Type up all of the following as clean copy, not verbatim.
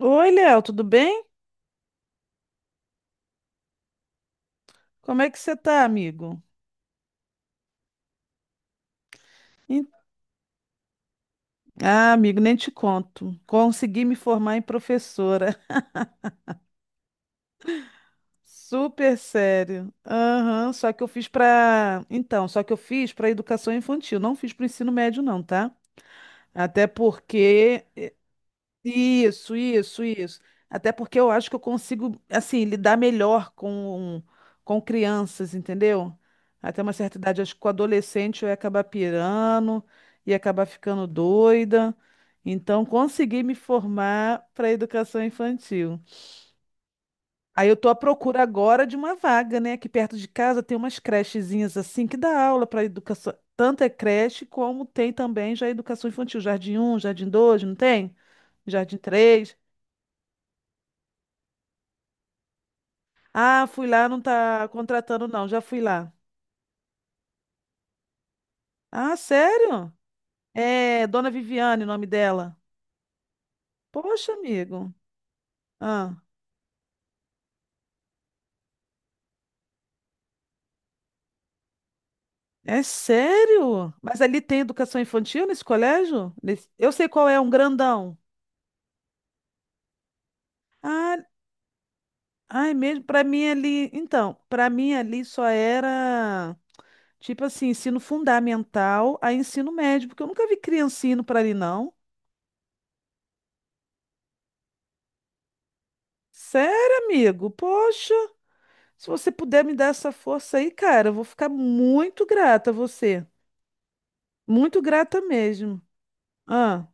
Oi, Léo, tudo bem? Como é que você tá, amigo? Em- Ah, amigo, nem te conto. Consegui me formar em professora. Super sério. Aham, só que eu fiz para, então, só que eu fiz para educação infantil, não fiz para o ensino médio não, tá? Até porque Isso, isso, isso. Até porque eu acho que eu consigo, assim, lidar melhor com crianças, entendeu? Até uma certa idade, acho que com adolescente eu ia acabar pirando, ia acabar ficando doida. Então, consegui me formar para educação infantil. Aí eu tô à procura agora de uma vaga, né? Aqui perto de casa tem umas crechezinhas assim que dá aula para educação. Tanto é creche como tem também já educação infantil, jardim um jardim 2 não tem? Jardim três. Ah, fui lá, não tá contratando, não. Já fui lá. Ah, sério? É, Dona Viviane, o nome dela. Poxa, amigo. Ah, é sério? Mas ali tem educação infantil nesse colégio? Nesse- Eu sei qual é, um grandão. Ah, ai, mesmo, para mim ali. Então, para mim ali só era tipo assim, ensino fundamental a ensino médio, porque eu nunca vi criancinha indo para ali, não. Sério, amigo? Poxa. Se você puder me dar essa força aí, cara, eu vou ficar muito grata a você. Muito grata mesmo. Ah,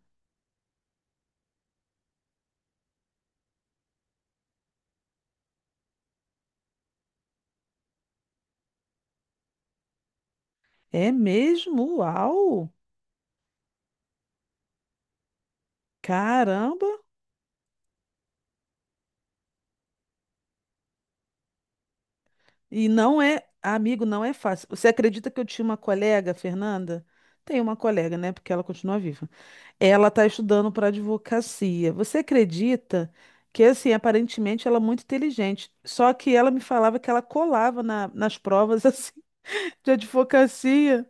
é mesmo? Uau! Caramba! E não é, amigo, não é fácil. Você acredita que eu tinha uma colega, Fernanda? Tem uma colega, né? Porque ela continua viva. Ela está estudando para advocacia. Você acredita que, assim, aparentemente ela é muito inteligente. Só que ela me falava que ela colava nas provas, assim, de advocacia.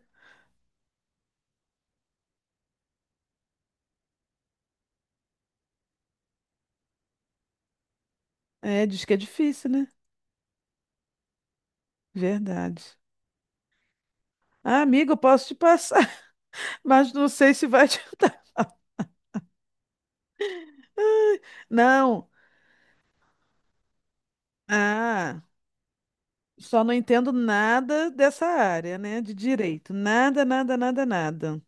É, diz que é difícil, né? Verdade. Ah, amigo, eu posso te passar, mas não sei se vai te ajudar. Não. Ah, só não entendo nada dessa área, né, de direito. Nada, nada, nada, nada.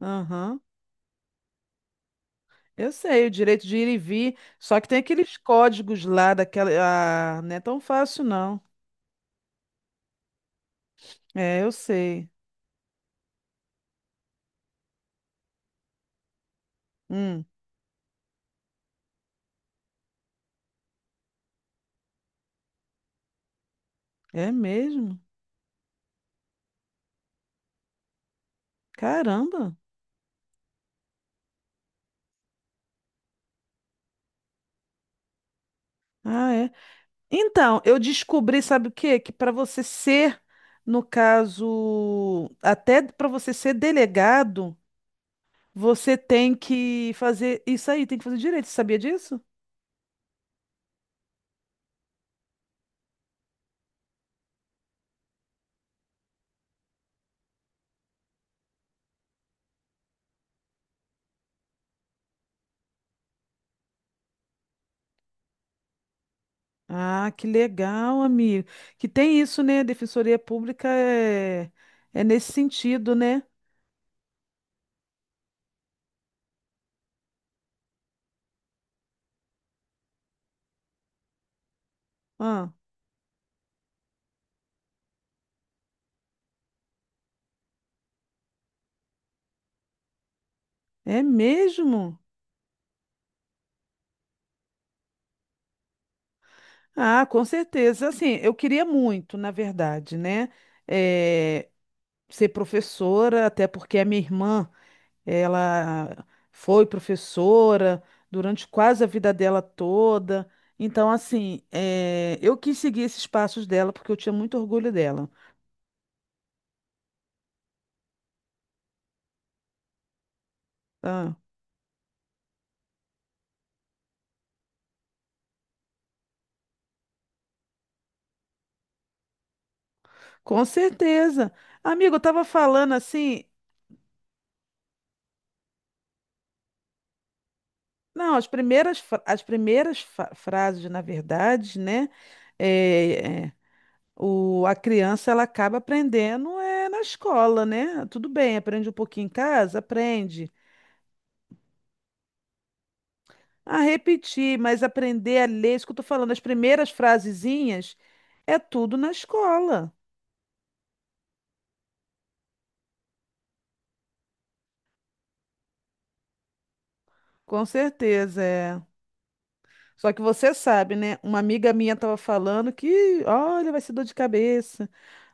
Aham. Eu sei, o direito de ir e vir, só que tem aqueles códigos lá daquela, ah, não é tão fácil não. É, eu sei. Hum, é mesmo? Caramba. Ah, é. Então, eu descobri, sabe o quê? Que para você ser, no caso, até para você ser delegado, você tem que fazer isso aí, tem que fazer direito. Você sabia disso? Ah, que legal, amigo. Que tem isso, né? A Defensoria Pública é, é nesse sentido, né? Ah, é mesmo? Ah, com certeza. Assim, eu queria muito, na verdade, né? eh, ser professora, até porque a minha irmã. Ela foi professora durante quase a vida dela toda. Então, assim, eu quis seguir esses passos dela porque eu tinha muito orgulho dela. Tá? Com certeza. Amigo, eu estava falando assim. Não, as primeiras, as primeiras frases, na verdade, né? eh, eh, o, a criança ela acaba aprendendo é, na escola, né? Tudo bem, aprende um pouquinho em casa, aprende. A repetir, mas aprender a ler, isso que eu estou falando, as primeiras frasezinhas é tudo na escola. Com certeza, é. Só que você sabe, né? Uma amiga minha estava falando que, olha, vai ser dor de cabeça,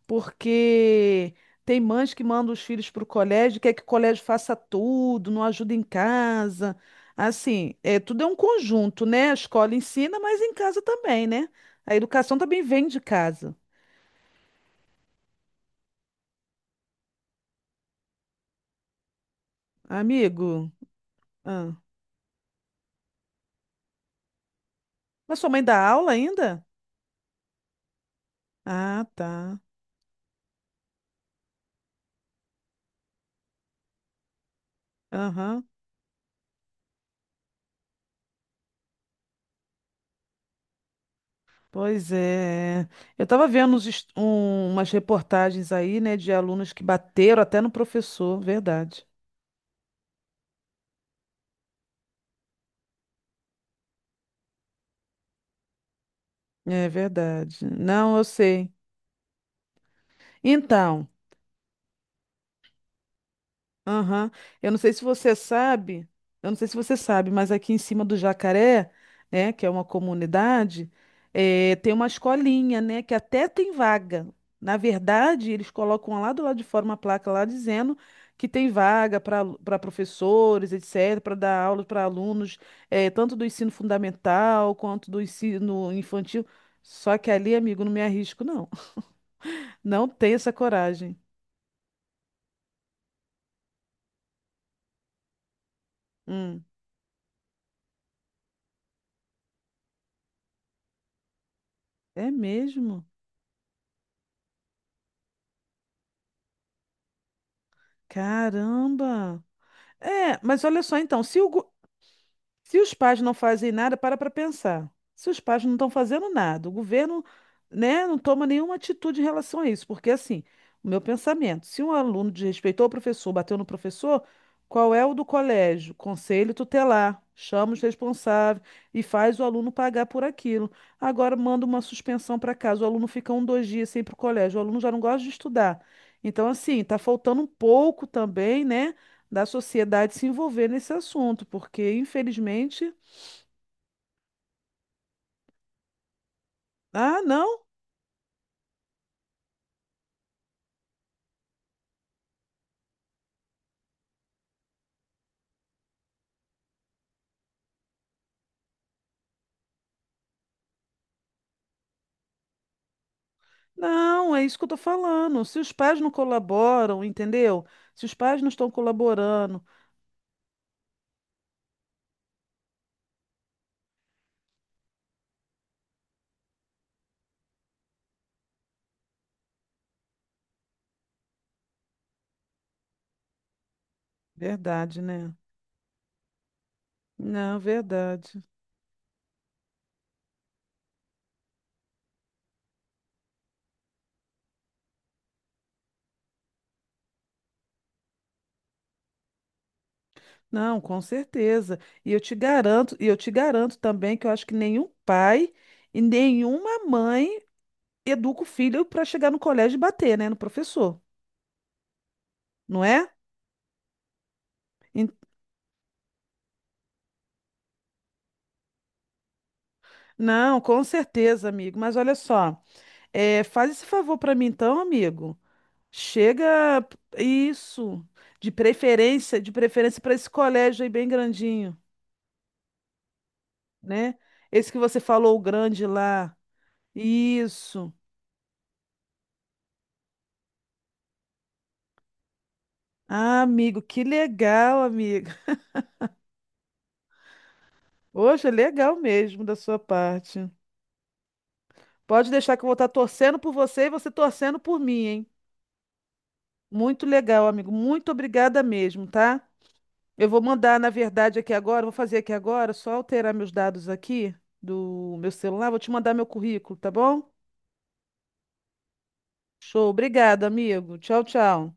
porque tem mães que mandam os filhos para o colégio, quer que o colégio faça tudo, não ajuda em casa. Assim, é, tudo é um conjunto, né? A escola ensina, mas em casa também, né? A educação também vem de casa. Amigo, ah. Mas sua mãe dá aula ainda? Ah, tá. Aham. Pois é. Eu estava vendo umas reportagens aí, né, de alunos que bateram até no professor, verdade. É verdade. Não, eu sei. Então. Aham. Eu não sei se você sabe, eu não sei se você sabe, mas aqui em cima do Jacaré, né, que é uma comunidade, tem uma escolinha, né, que até tem vaga. Na verdade, eles colocam lá do lado de fora uma placa lá dizendo que tem vaga para professores, etc., para dar aula para alunos, tanto do ensino fundamental quanto do ensino infantil. Só que ali, amigo, não me arrisco, não. Não tenho essa coragem. Hum, é mesmo? Caramba! É, mas olha só então, se, o go- se os pais não fazem nada, para pensar. Se os pais não estão fazendo nada, o governo, né, não toma nenhuma atitude em relação a isso, porque assim, o meu pensamento, se um aluno desrespeitou o professor, bateu no professor, qual é o do colégio? Conselho tutelar, chama os responsáveis e faz o aluno pagar por aquilo. Agora manda uma suspensão para casa, o aluno fica um, dois dias sem ir para o colégio, o aluno já não gosta de estudar. Então, assim, está faltando um pouco também, né? Da sociedade se envolver nesse assunto, porque infelizmente, ah, não, não, é isso que eu tô falando. Se os pais não colaboram, entendeu? Se os pais não estão colaborando, verdade, né? Não, verdade. Não, com certeza. E eu te garanto também que eu acho que nenhum pai e nenhuma mãe educa o filho para chegar no colégio e bater, né, no professor, não é? En- Não, com certeza, amigo. Mas olha só. É, faz esse favor pra mim então, amigo. Chega isso, de preferência para esse colégio aí bem grandinho, né? Esse que você falou, o grande lá. Isso. Ah, amigo, que legal, amiga. Hoje é legal mesmo da sua parte. Pode deixar que eu vou estar torcendo por você e você torcendo por mim, hein? Muito legal, amigo. Muito obrigada mesmo, tá? Eu vou mandar, na verdade, aqui agora, vou fazer aqui agora, só alterar meus dados aqui do meu celular, vou te mandar meu currículo, tá bom? Show, obrigado, amigo. Tchau, tchau.